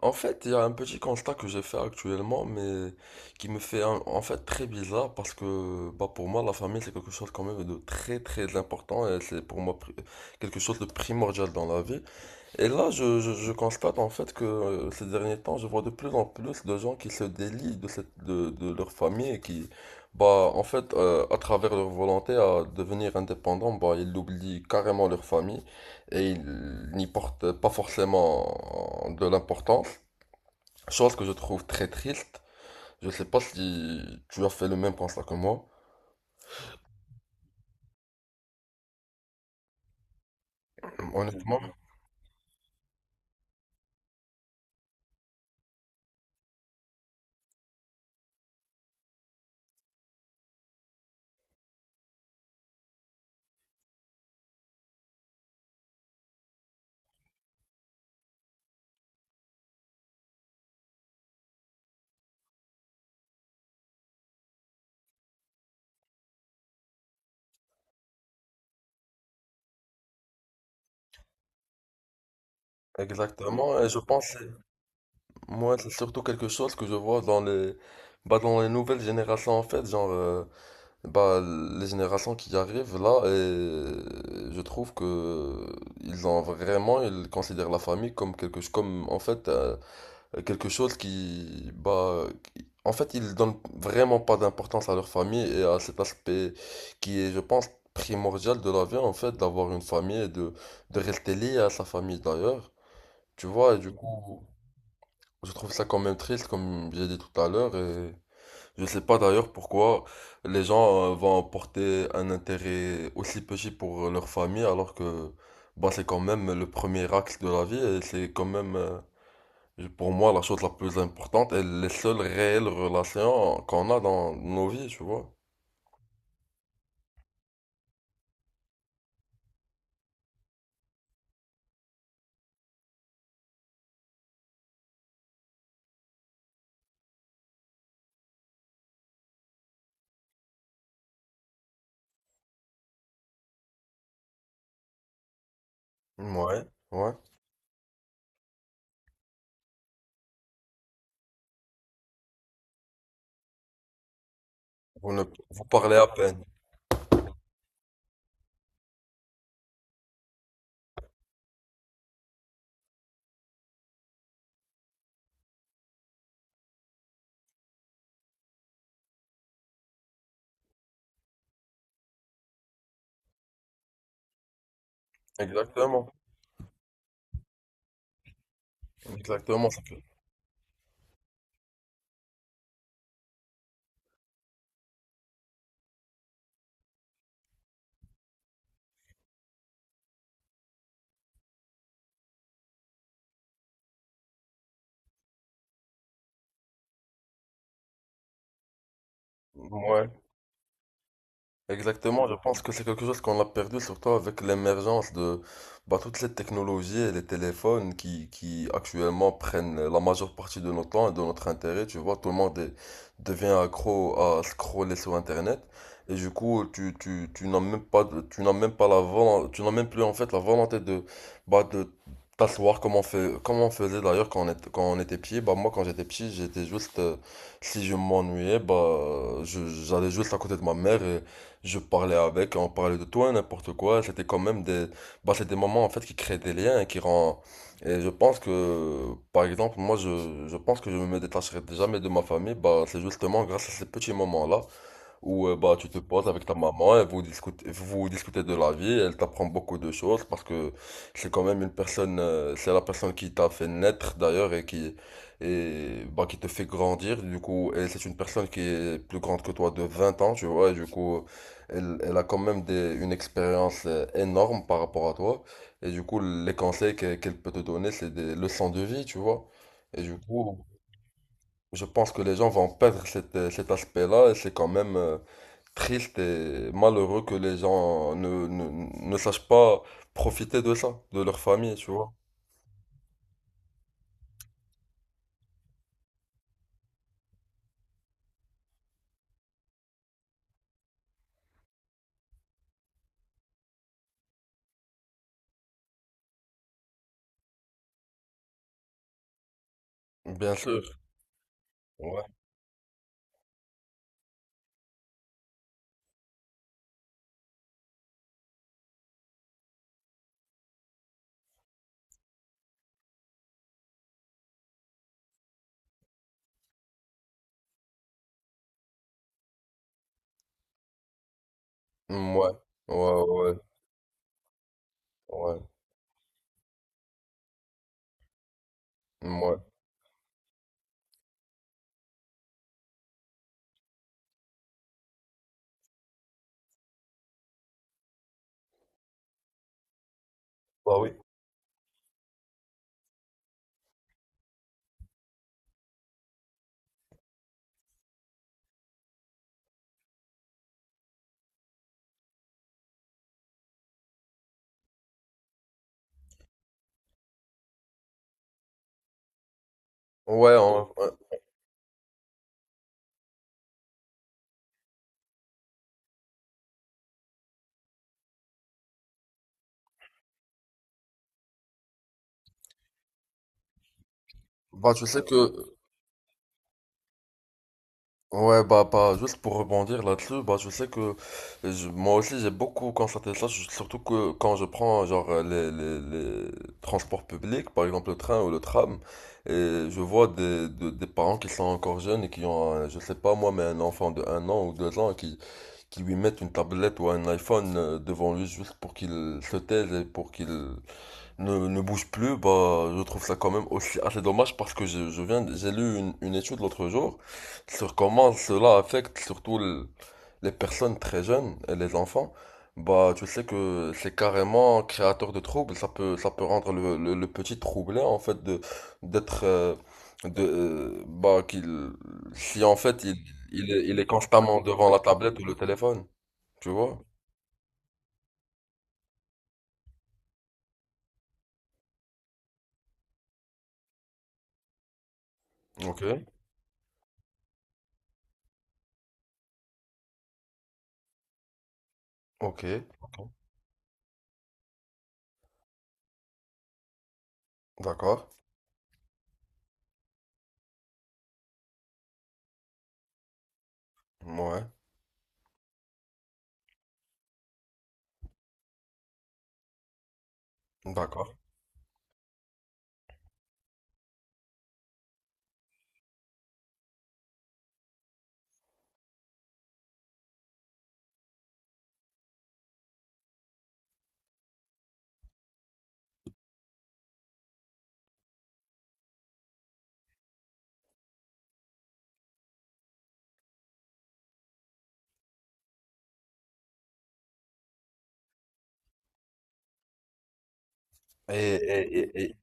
En fait, il y a un petit constat que j'ai fait actuellement, mais qui me fait en fait très bizarre parce que bah, pour moi, la famille, c'est quelque chose quand même de très très important et c'est pour moi pri- quelque chose de primordial dans la vie. Et là, je constate en fait que ces derniers temps, je vois de plus en plus de gens qui se délient de leur famille et qui, bah, en fait, à travers leur volonté à devenir indépendant, bah, ils oublient carrément leur famille et ils n'y portent pas forcément de l'importance. Chose que je trouve très triste. Je sais pas si tu as fait le même constat que moi. Honnêtement, exactement. Et je pense, moi, c'est surtout quelque chose que je vois dans bah, dans les nouvelles générations, en fait. Bah, les générations qui arrivent là, et je trouve que ils ont vraiment, ils considèrent la famille comme quelque chose, quelque chose en fait, ils donnent vraiment pas d'importance à leur famille et à cet aspect qui est, je pense, primordial de la vie, en fait, d'avoir une famille et de rester lié à sa famille d'ailleurs. Tu vois, et du coup, je trouve ça quand même triste, comme j'ai dit tout à l'heure, et je sais pas d'ailleurs pourquoi les gens vont porter un intérêt aussi petit pour leur famille alors que, bah, c'est quand même le premier axe de la vie et c'est quand même, pour moi, la chose la plus importante est les seules réelles relations qu'on a dans nos vies, tu vois. Ouais, ouais. Vous ne, vous parlez à peine. Exactement. Exactement. ça fait- Ouais. Exactement, je pense que c'est quelque chose qu'on a perdu, surtout avec l'émergence de bah, toutes ces technologies et les téléphones qui actuellement prennent la majeure partie de notre temps et de notre intérêt. Tu vois, tout le monde est- Devient accro à scroller sur Internet. Et du coup, tu n'as même pas, tu n'as même pas la volonté, tu n'as même plus en fait la volonté de, bah, de t'asseoir comme on fait, comme on faisait d'ailleurs quand on était petit. Bah, moi, quand j'étais petit, j'étais juste, si je m'ennuyais, bah, j'allais juste à côté de ma mère et je parlais avec, on parlait de toi, n'importe quoi. C'était quand même des, bah, c'est des moments en fait qui créent des liens et qui rend. Et je pense que, par exemple, moi, je pense que je me détacherai jamais de ma famille. Bah, c'est justement grâce à ces petits moments-là où bah, tu te poses avec ta maman et vous discutez de la vie. Elle t'apprend beaucoup de choses parce que c'est quand même une personne, c'est la personne qui t'a fait naître d'ailleurs et qui, et, bah, qui te fait grandir. Du coup, et c'est une personne qui est plus grande que toi de 20 ans, tu vois. Et du coup, elle, elle a quand même des, une expérience énorme par rapport à toi. Et du coup, les conseils qu'elle peut te donner, c'est des leçons de vie, tu vois. Et du coup, je pense que les gens vont perdre cet aspect-là et c'est quand même, triste et malheureux que les gens ne sachent pas profiter de ça, de leur famille, tu vois. Bien sûr. Ouais. Ouais. Ouais, ouais, ouais. Ouais. Bah oui. Ouais, hein, ouais. Bah tu sais que ouais, bah, bah, juste pour rebondir là-dessus, bah, je sais que moi aussi j'ai beaucoup constaté ça, surtout que quand je prends genre les transports publics, par exemple le train ou le tram, et je vois des parents qui sont encore jeunes et qui ont, je sais pas moi, mais un enfant de 1 an ou 2 ans qui lui mettent une tablette ou un iPhone devant lui juste pour qu'il se taise et pour qu'il ne bouge plus, bah, je trouve ça quand même aussi assez dommage parce que je viens, j'ai lu une étude l'autre jour sur comment cela affecte surtout les personnes très jeunes et les enfants. Bah, tu sais que c'est carrément créateur de troubles, ça peut rendre le petit troublé en fait de, d'être, bah, qu'il, si en fait il est constamment devant la tablette ou le téléphone, tu vois? Ok, ok, d'accord, ouais, d'accord. Et, et- et- et-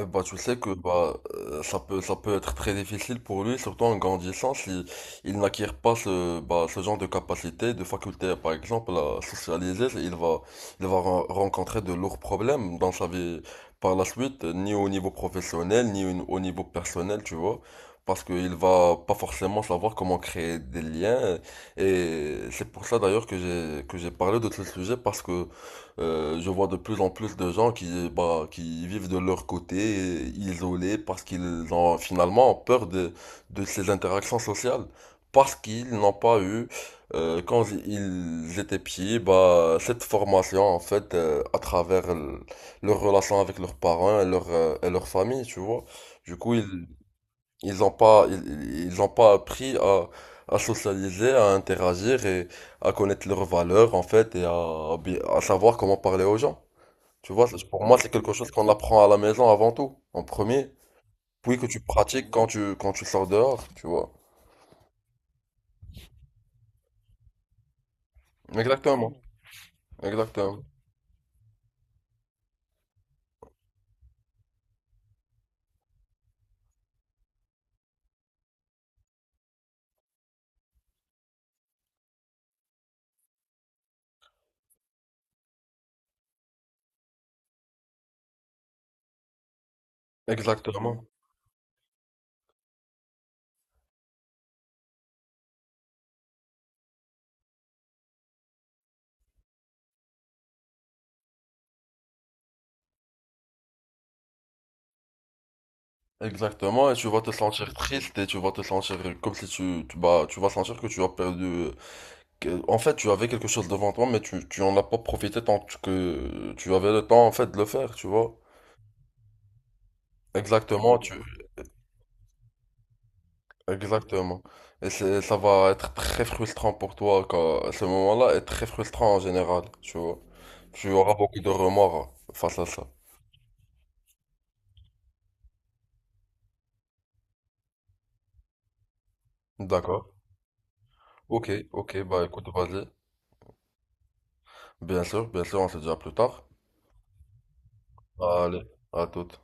et bah, tu sais que bah, ça peut être très difficile pour lui, surtout en grandissant, si il n'acquiert pas ce, bah, ce genre de capacité, de faculté, par exemple, à socialiser, il va, rencontrer de lourds problèmes dans sa vie par la suite, ni au niveau professionnel, ni au niveau personnel, tu vois, parce qu'il va pas forcément savoir comment créer des liens. Et c'est pour ça d'ailleurs que que j'ai parlé de ce sujet, parce que je vois de plus en plus de gens qui, bah, qui vivent de leur côté, isolés, parce qu'ils ont finalement peur de ces interactions sociales, parce qu'ils n'ont pas eu, quand ils étaient petits, bah, cette formation, en fait, à travers leur relation avec leurs parents et et leur famille, tu vois. Du coup, ils n'ont pas, ils ont pas appris à socialiser, à interagir et à connaître leurs valeurs, en fait, et à, à savoir comment parler aux gens. Tu vois, pour moi, c'est quelque chose qu'on apprend à la maison avant tout, en premier, puis que tu pratiques quand tu sors dehors, tu vois. Exactement, exactement, exactement, exactement, et tu vas te sentir triste et tu vas te sentir comme si tu, tu, bah, tu vas sentir que tu as perdu en fait, tu avais quelque chose devant toi, mais tu en as pas profité tant que tu avais le temps en fait de le faire, tu vois. Exactement, tu exactement. Et ça va être très frustrant pour toi car ce moment-là est très frustrant en général, tu vois. Tu auras beaucoup de remords face à ça. D'accord. Ok, ok, bah écoute, vas-y. Bien sûr, on se dit à plus tard. Allez, à toute.